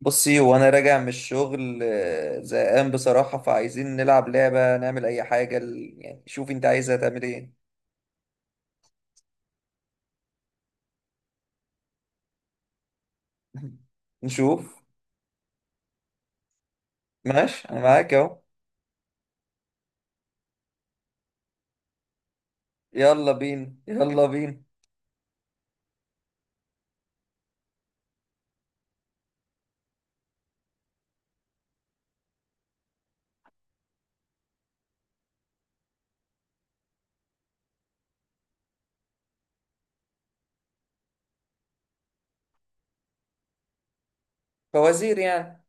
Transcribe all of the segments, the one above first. بصي وانا راجع من الشغل زهقان بصراحة، فعايزين نلعب لعبة نعمل اي حاجة يعني شوف انت عايزة تعمل ايه. نشوف. ماشي انا معاك اهو. يلا بينا يلا بينا. فوازير يعني.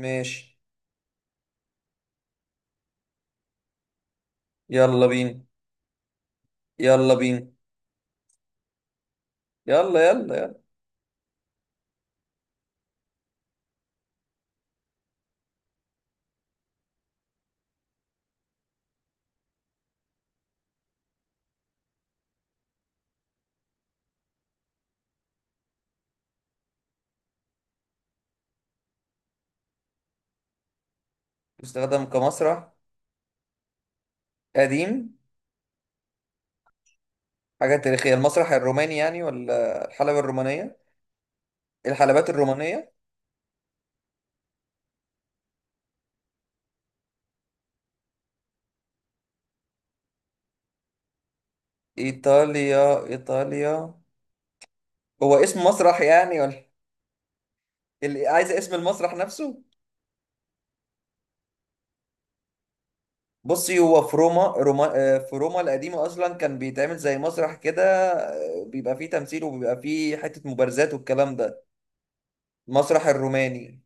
ماشي. يلا بينا يلا بينا. يلا يلا يلا. استخدم كمسرح قديم. حاجة تاريخية، المسرح الروماني يعني ولا الحلبة الرومانية؟ الحلبات الرومانية. ايطاليا ايطاليا. هو اسم مسرح يعني ولا اللي عايز اسم المسرح نفسه؟ بصي هو في روما, روما، في روما القديمة أصلا كان بيتعمل زي مسرح كده. بيبقى فيه تمثيل وبيبقى فيه حتة مبارزات والكلام ده. المسرح الروماني.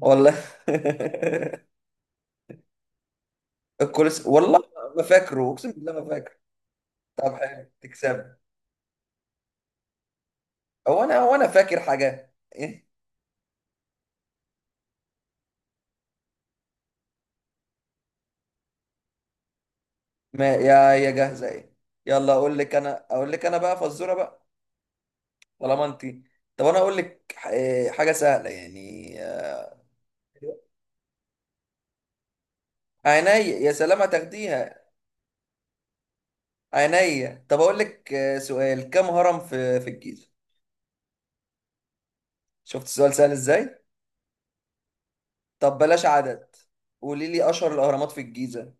والله. الكولس والله. ما فاكره، أقسم بالله ما فاكره. طب حلو، تكسب. هو أنا هو أنا فاكر حاجة إيه؟ ما يا يا جاهزة إيه، يلا أقول لك أنا أقول لك أنا بقى فزورة بقى. طالما أنت، طب أنا أقول لك حاجة سهلة يعني، عينيا يا سلام هتاخديها. عينيا، طب اقول لك، سؤال، كم هرم في الجيزة؟ شفت السؤال سهل ازاي. طب بلاش عدد، قولي لي اشهر الاهرامات في الجيزة.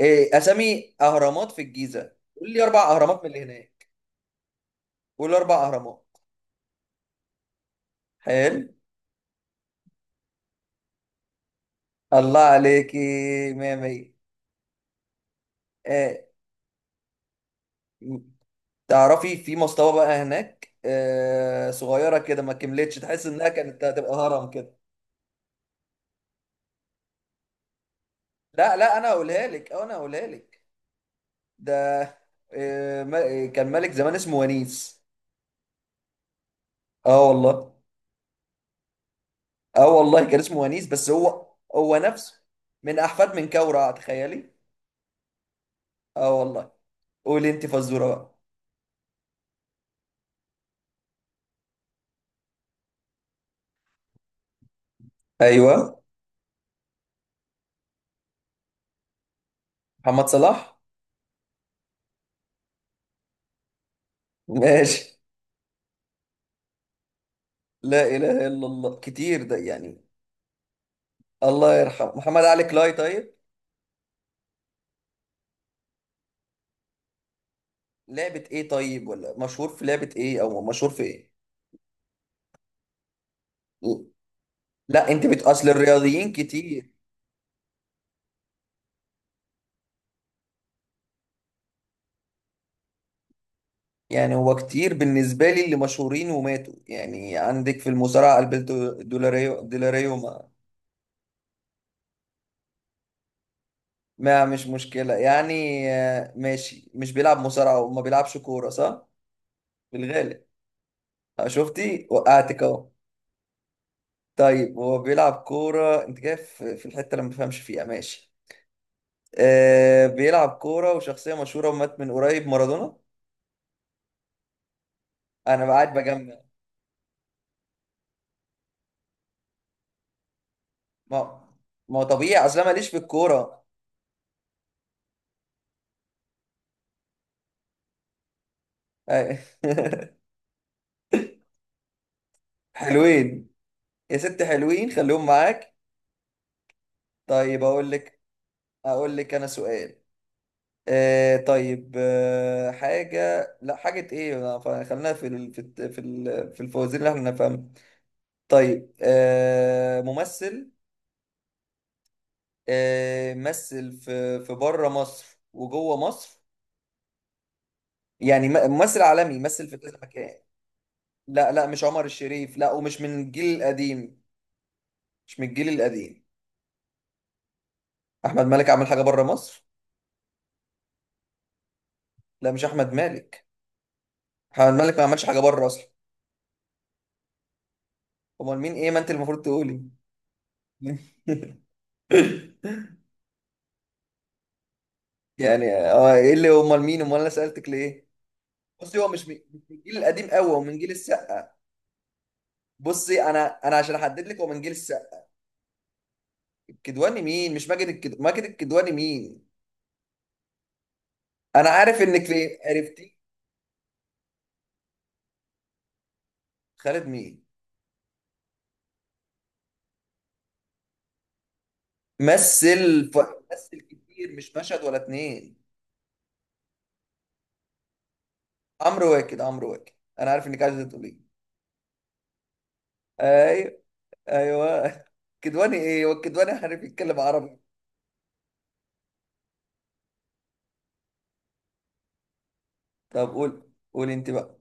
ايه اسامي اهرامات في الجيزة؟ قولي لي اربع اهرامات من اللي هناك. قولي اربع اهرامات. حلو. الله عليكي. مية مية. ايه، م- تعرفي في مصطبة بقى هناك آه صغيرة كده ما كملتش، تحس انها كانت هتبقى هرم كده. لا انا هقولها لك، انا هقولها لك. ده، كان ملك زمان اسمه ونيس. اه والله. اه والله كان اسمه ونيس، بس هو هو نفسه من احفاد من كورة، تخيلي. اه والله. قولي انت فزورة بقى. ايوه. محمد صلاح. ماشي. لا اله الا الله، كتير ده يعني. الله يرحمه محمد علي كلاي طيب. لعبة ايه طيب، ولا مشهور في لعبة ايه او مشهور في ايه؟ لا انت بت، اصل الرياضيين كتير يعني. هو كتير بالنسبة لي اللي مشهورين وماتوا. يعني عندك في المصارعة ألبرتو دولاريو دولاريو ما, ما مش مشكلة يعني. ماشي، مش بيلعب مصارعة وما بيلعبش كورة صح؟ في الغالب. شفتي وقعتك اهو. طيب هو بيلعب كورة، انت كده في الحتة اللي ما بفهمش فيها. ماشي، آه بيلعب كورة وشخصية مشهورة ومات من قريب، مارادونا. أنا قاعد بجمع. ما ما هو طبيعي، أصل أنا ماليش في الكورة. أي. حلوين، يا ست حلوين خليهم معاك. طيب اقول لك، اقول لك انا سؤال. آه طيب آه حاجه لا حاجه ايه لا، خلينا في ال... في في ال... في الفوازير اللي احنا نفهمها. طيب آه ممثل، آه مثل في في بره مصر وجوه مصر، يعني ممثل عالمي مثل في كذا مكان. لا لا مش عمر الشريف، لا ومش من الجيل القديم. مش من الجيل القديم. احمد مالك عمل حاجه بره مصر؟ لا مش احمد مالك. احمد مالك ما عملش حاجه بره اصلا. امال مين ايه، ما انت المفروض تقولي. يعني اه ايه اللي امال مين، امال انا سالتك ليه؟ بصي هو مش من مش من الجيل القديم قوي، هو من جيل السقا. بصي انا، انا عشان احدد لك هو من جيل السقا. الكدواني مين، مش ماجد الكد... ماجد الكدواني مين؟ انا عارف انك في عرفتي. خالد مين؟ مثل ف... مثل كتير، مش مشهد ولا اتنين. عمرو واكد عمرو واكد. انا عارف انك عايزه تقولي. ايوه. ايوه. كدواني ايه، هو الكدواني عارف يتكلم عربي؟ طب قول قول انت بقى.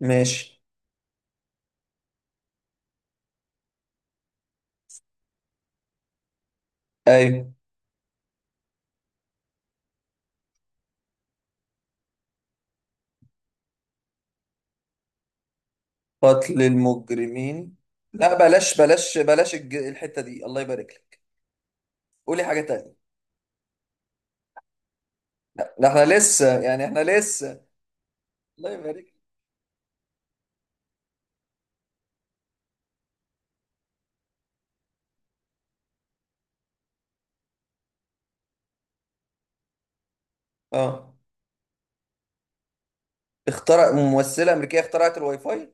ماشي. ايوه. قتل المجرمين. لا بلاش بلاش بلاش الحتة دي، الله يبارك لك. قولي حاجة تانية. لا ده احنا لسه يعني احنا لسه. الله يبارك لك. اه. اخترع ممثلة أمريكية اخترعت الواي فاي؟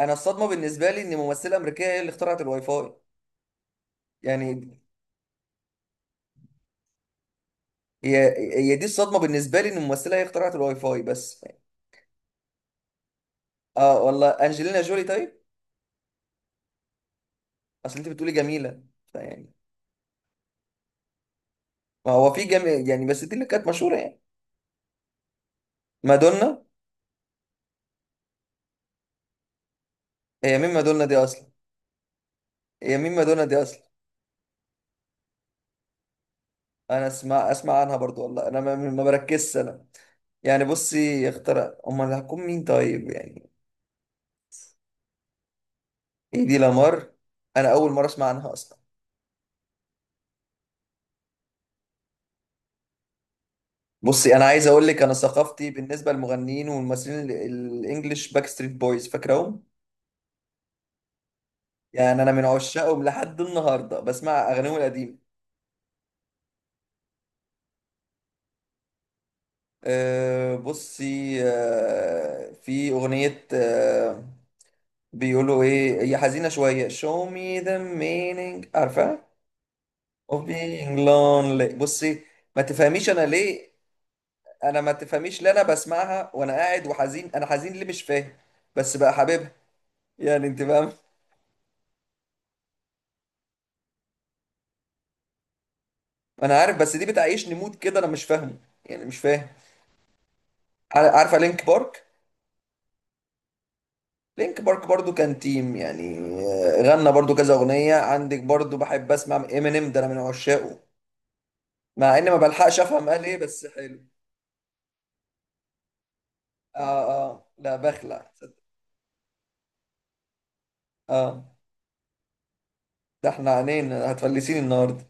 انا الصدمة بالنسبة لي ان ممثلة أمريكية هي اللي اخترعت الواي فاي. يعني هي، هي دي الصدمة بالنسبة لي، ان ممثلة هي اخترعت الواي فاي بس. اه والله، انجلينا جولي طيب. اصل انت بتقولي جميلة، فيعني. ما هو في جميل يعني، بس دي اللي كانت مشهورة يعني. مادونا. هي مين مادونا دي اصلا؟ هي مين مادونا دي اصلا؟ انا اسمع اسمع عنها برضو، والله انا ما, ما بركزش انا. يعني بصي اختار امال اللي هتكون مين طيب يعني. ايه دي لامار؟ انا اول مره اسمع عنها اصلا. بصي انا عايز اقول لك، انا ثقافتي بالنسبه للمغنيين والممثلين الانجليش، باك ستريت بويز فاكرهم؟ يعني انا من عشاقهم لحد النهارده بسمع اغانيهم القديمه. أه بصي أه في اغنيه أه بيقولوا ايه، هي حزينه شويه، show me the meaning، عارفه، of being lonely. بصي ما تفهميش انا ليه، انا ما تفهميش ليه، انا بسمعها وانا قاعد وحزين، انا حزين ليه مش فاهم. بس بقى حبيبها يعني، انت فاهم. انا عارف، بس دي بتعيشني مود كده، انا مش فاهمه يعني مش فاهم. عارفه لينك بارك؟ لينك بارك برضو كان تيم يعني، غنى برضو كذا اغنيه. عندك برضو بحب اسمع امينيم، ده انا من عشاقه. مع اني ما بلحقش افهم قال ايه بس حلو. اه. اه لا بخلع. اه ده احنا عينينا هتفلسيني النهارده.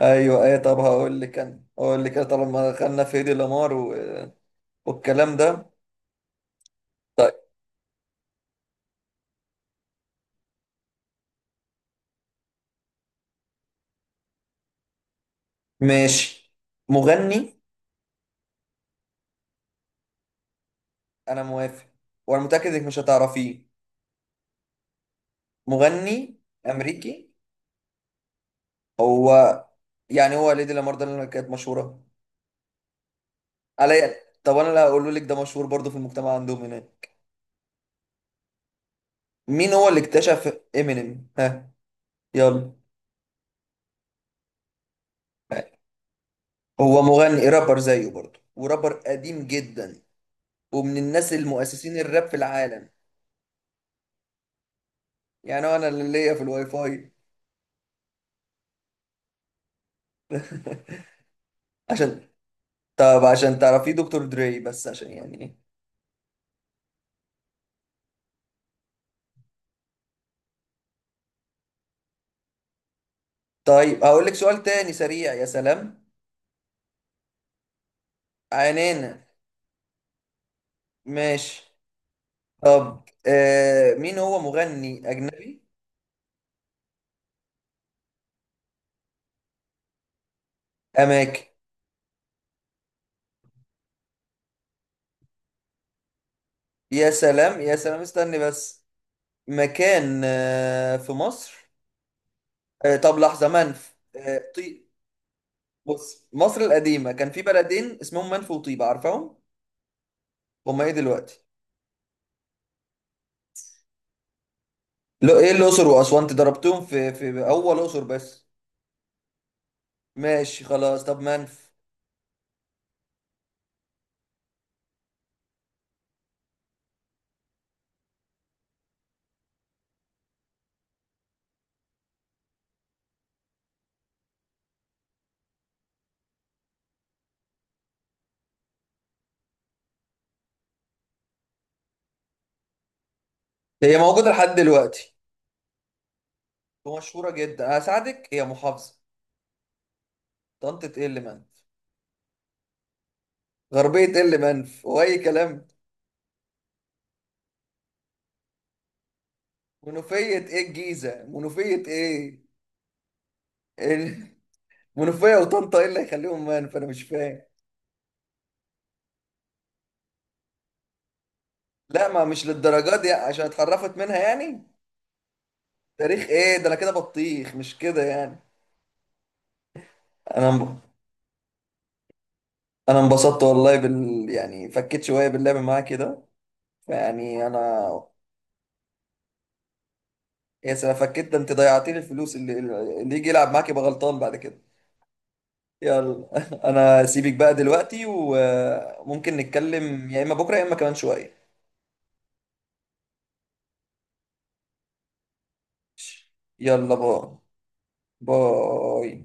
ايوه. ايه طب هقول لك انا، هقول لك انا، طالما دخلنا في هيدي لامار و... والكلام ده. ماشي. مغني. انا موافق، وانا متاكد انك مش هتعرفيه. مغني امريكي. هو، يعني هو ليدي لامار ده اللي كانت مشهوره عليا؟ طب انا اللي هقوله لك ده مشهور برضه في المجتمع عندهم هناك. مين هو اللي اكتشف امينيم، ها؟ يلا. هو مغني رابر زيه برضه، ورابر قديم جدا، ومن الناس المؤسسين الراب في العالم. يعني هو انا اللي ليا في الواي فاي. عشان، طب عشان تعرفيه، دكتور دري بس، عشان يعني ايه. طيب هقول لك سؤال تاني سريع، يا سلام. عنينا. ماشي. طب مين هو مغني أجنبي؟ أماكن. يا سلام يا سلام استني بس. مكان آه في مصر. آه طب لحظة منف، آه طيب. بص مصر القديمة كان في بلدين اسمهم منف وطيبة، عارفهم؟ هما ايه دلوقتي؟ لو ايه الأقصر وأسوان، انت ضربتهم في أول أقصر بس. ماشي خلاص، طب منف؟ هي موجودة لحد دلوقتي ومشهورة جدا، هساعدك، هي محافظة. طنطة ايه اللي منف! غربية ايه اللي منف، واي كلام! منوفية ايه، الجيزة، منوفية ايه! ال- منوفية وطنطا ايه اللي هيخليهم منف، انا مش فاهم. لا ما مش للدرجات دي عشان اتحرفت منها يعني. تاريخ ايه ده، انا كده بطيخ مش كده يعني. انا انب- انا انبسطت والله بال يعني، فكيت شوية باللعب معاك كده، فيعني انا. يا سلام فكيت، ده انت ضيعتي لي الفلوس، اللي اللي يجي يلعب معاك يبقى غلطان بعد كده. يلا. انا سيبك بقى دلوقتي، وممكن نتكلم يا اما بكره يا اما كمان شويه. يلا باي باي.